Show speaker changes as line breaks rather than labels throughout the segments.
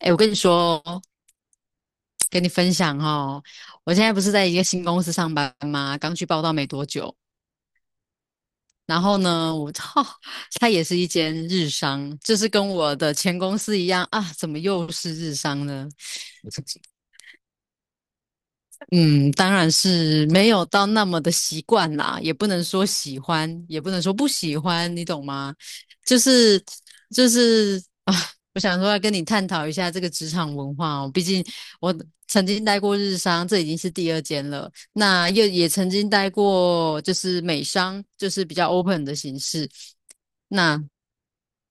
哎，我跟你说，跟你分享哦，我现在不是在一个新公司上班吗？刚去报道没多久，然后呢，我操，它也是一间日商，就是跟我的前公司一样啊，怎么又是日商呢？嗯，当然是没有到那么的习惯啦，也不能说喜欢，也不能说不喜欢，你懂吗？就是就是啊，我想说要跟你探讨一下这个职场文化哦，毕竟我曾经待过日商，这已经是第二间了，那又也曾经待过就是美商，就是比较 open 的形式。那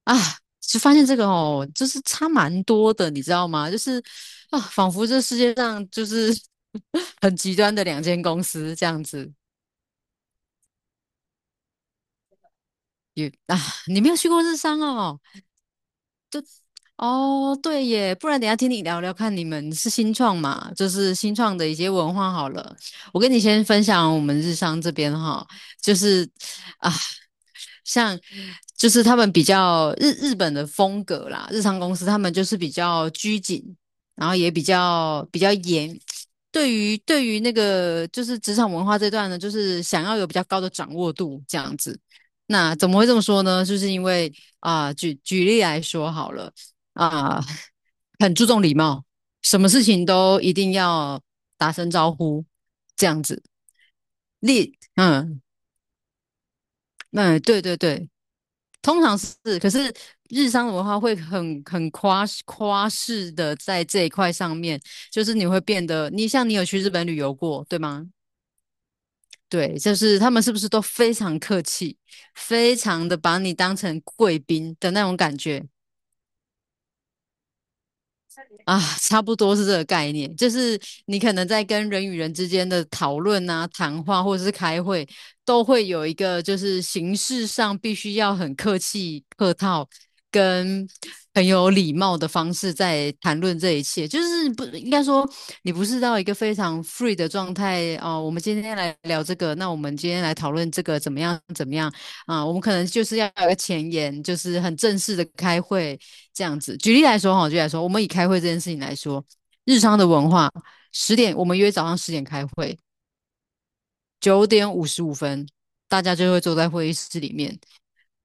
啊，就发现这个哦，就是差蛮多的，你知道吗？就是啊，仿佛这世界上就是 很极端的两间公司这样子。也啊，你没有去过日商哦？哦，对耶，不然等一下听你聊聊看，你们是新创嘛？就是新创的一些文化好了。我跟你先分享我们日商这边哈，就是啊，像就是他们比较日本的风格啦，日商公司他们就是比较拘谨，然后也比较严。对于那个就是职场文化这段呢，就是想要有比较高的掌握度这样子。那怎么会这么说呢？就是因为啊、举例来说好了啊、很注重礼貌，什么事情都一定要打声招呼这样子。嗯嗯，对对对，通常是，可是日商的文化会很夸饰的在这一块上面，就是你会变得，你像你有去日本旅游过，对吗？对，就是他们是不是都非常客气，非常的把你当成贵宾的那种感觉？啊，差不多是这个概念，就是你可能在跟人与人之间的讨论啊、谈话或者是开会，都会有一个就是形式上必须要很客气、客套，跟很有礼貌的方式在谈论这一切。就是不应该说你不是到一个非常 free 的状态哦。我们今天来聊这个，那我们今天来讨论这个怎么样怎么样啊？我们可能就是要有个前言，就是很正式的开会这样子。举例来说哈，举例来说，我们以开会这件事情来说，日常的文化，十点我们约早上十点开会，9点55分大家就会坐在会议室里面。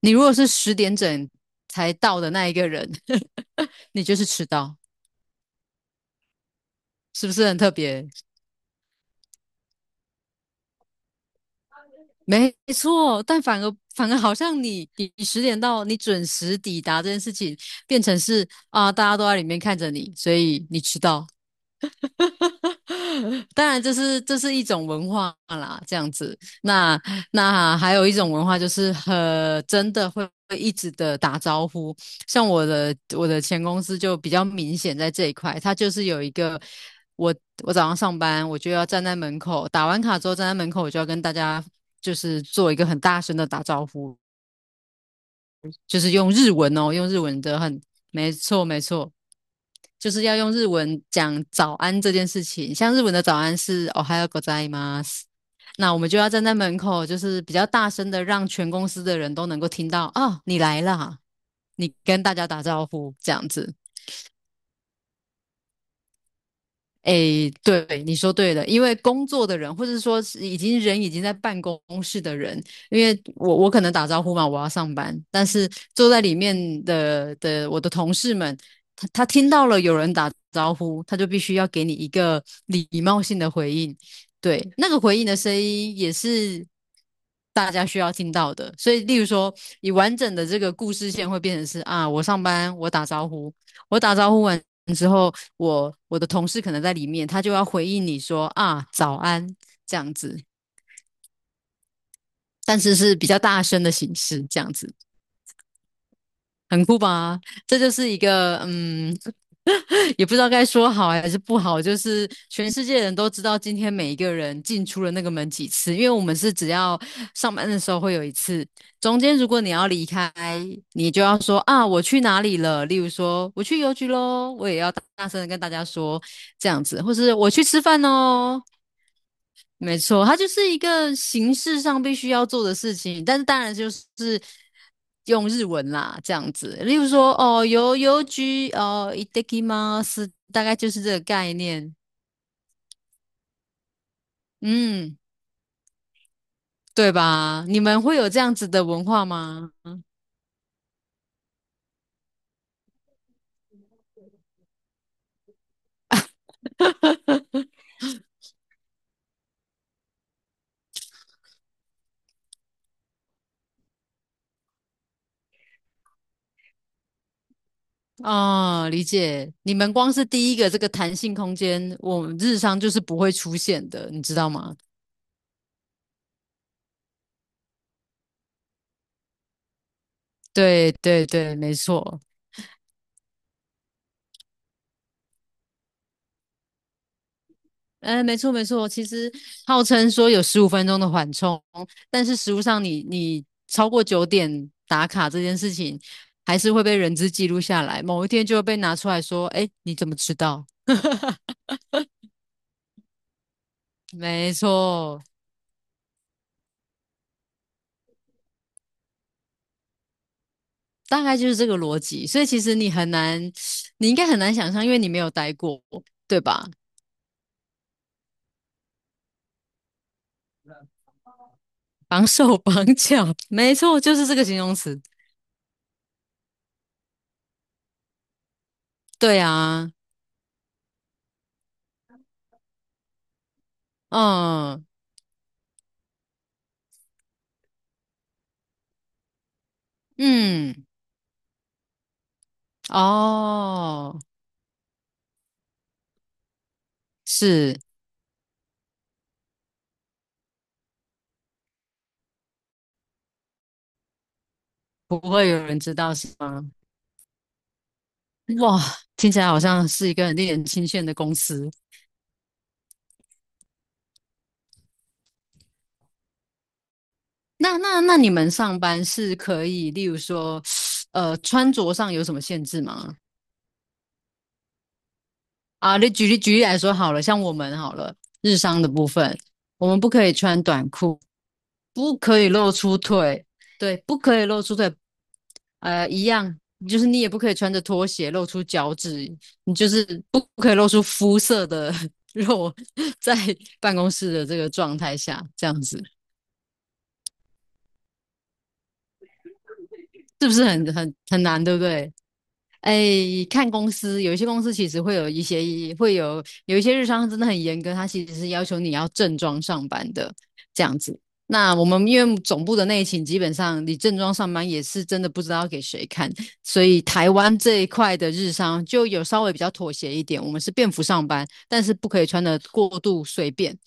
你如果是10点整才到的那一个人，你就是迟到，是不是很特别？没错，但反而好像你十点到，你准时抵达这件事情，变成是啊、大家都在里面看着你，所以你迟到，哈哈，当然，这是一种文化啦，这样子。那那还有一种文化就是很真的会一直的打招呼，像我的前公司就比较明显在这一块，它就是有一个我我早上上班我就要站在门口打完卡之后站在门口我就要跟大家就是做一个很大声的打招呼，就是用日文哦，用日文的很，没错没错，就是要用日文讲早安这件事情。像日文的早安是 o h a y o g o z， 那我们就要站在门口，就是比较大声的，让全公司的人都能够听到哦，你来啦，你跟大家打招呼这样子。诶，对，你说对了，因为工作的人，或者说是已经人已经在办公室的人，因为我可能打招呼嘛，我要上班，但是坐在里面的我的同事们，他听到了有人打招呼，他就必须要给你一个礼貌性的回应，对，那个回应的声音也是大家需要听到的，所以例如说，你完整的这个故事线会变成是啊，我上班，我打招呼，我打招呼完之后，我的同事可能在里面，他就要回应你说啊早安这样子，但是是比较大声的形式这样子。很酷吧？这就是一个嗯，也不知道该说好还是不好，就是全世界人都知道今天每一个人进出了那个门几次，因为我们是只要上班的时候会有一次，中间如果你要离开，你就要说啊我去哪里了，例如说我去邮局喽，我也要大大声的跟大家说这样子，或是我去吃饭哦，没错，它就是一个形式上必须要做的事情，但是当然就是用日文啦，这样子。例如说，哦，邮局，哦，いただきます，大概就是这个概念，嗯，对吧？你们会有这样子的文化吗？哦，理解。你们光是第一个这个弹性空间，我们日常就是不会出现的，你知道吗？对对对，没错。哎，没错没错，其实号称说有15分钟的缓冲，但是实物上你超过九点打卡这件事情，还是会被人质记录下来，某一天就会被拿出来说，哎，你怎么知道？没错，大概就是这个逻辑，所以其实你很难，你应该很难想象，因为你没有待过，对吧？绑手绑脚，没错，就是这个形容词。对啊，嗯嗯，哦，是。不会有人知道是吗？哇，听起来好像是一个很令人钦羡的公司。那你们上班是可以，例如说，穿着上有什么限制吗？啊，你举例举例来说好了，像我们好了，日商的部分，我们不可以穿短裤，不可以露出腿，对，不可以露出腿，一样，就是你也不可以穿着拖鞋露出脚趾，你就是不可以露出肤色的肉 在办公室的这个状态下，这样子。是不是很难，对不对？哎，看公司，有一些公司其实会有一些会有一些日商真的很严格，他其实是要求你要正装上班的这样子。那我们因为总部的内勤，基本上你正装上班也是真的不知道给谁看，所以台湾这一块的日商就有稍微比较妥协一点，我们是便服上班，但是不可以穿的过度随便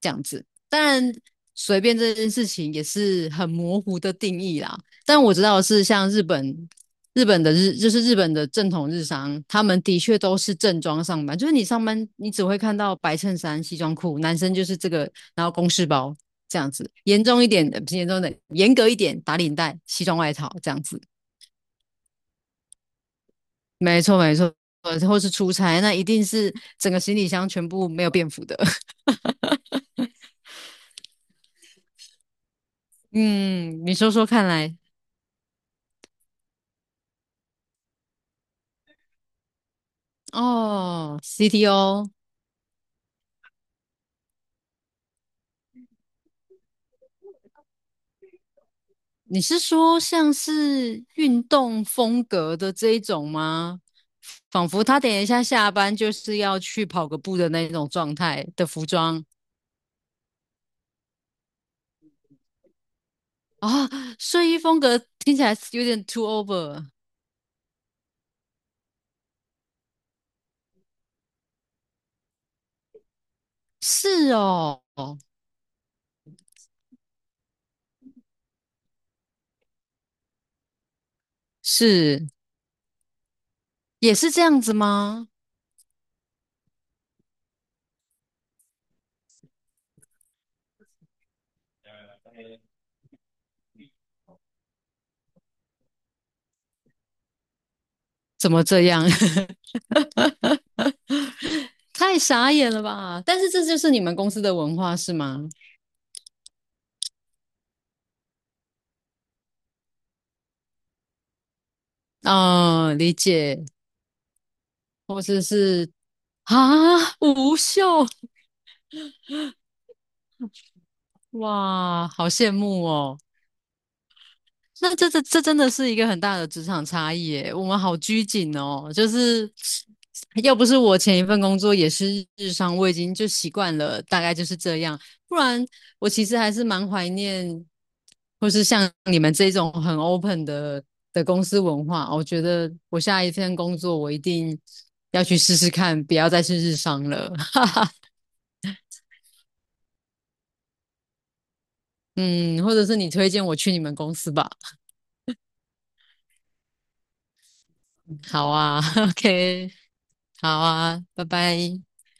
这样子。当然，随便这件事情也是很模糊的定义啦。但我知道的是像日本。日本的日就是日本的正统日商，他们的确都是正装上班，就是你上班你只会看到白衬衫、西装裤，男生就是这个，然后公事包这样子，严重一点的，不是严重的，严格一点打领带、西装外套这样子，没错没错，或是出差那一定是整个行李箱全部没有便服的，嗯，你说说看来哦，CTO 你是说像是运动风格的这一种吗？仿佛他等一下下班就是要去跑个步的那种状态的服装啊，睡衣风格听起来有点 too over。是哦，是，也是这样子吗？怎么这样？太傻眼了吧！但是这就是你们公司的文化是吗？啊、理解，或者是啊，无袖，哇，好羡慕哦。那这真的是一个很大的职场差异耶，我们好拘谨哦，就是要不是我前一份工作也是日商，我已经就习惯了，大概就是这样。不然我其实还是蛮怀念，或是像你们这种很 open 的公司文化哦。我觉得我下一份工作我一定要去试试看，不要再是日商了。哈哈，嗯，或者是你推荐我去你们公司吧。好啊 ，OK，好啊，拜拜。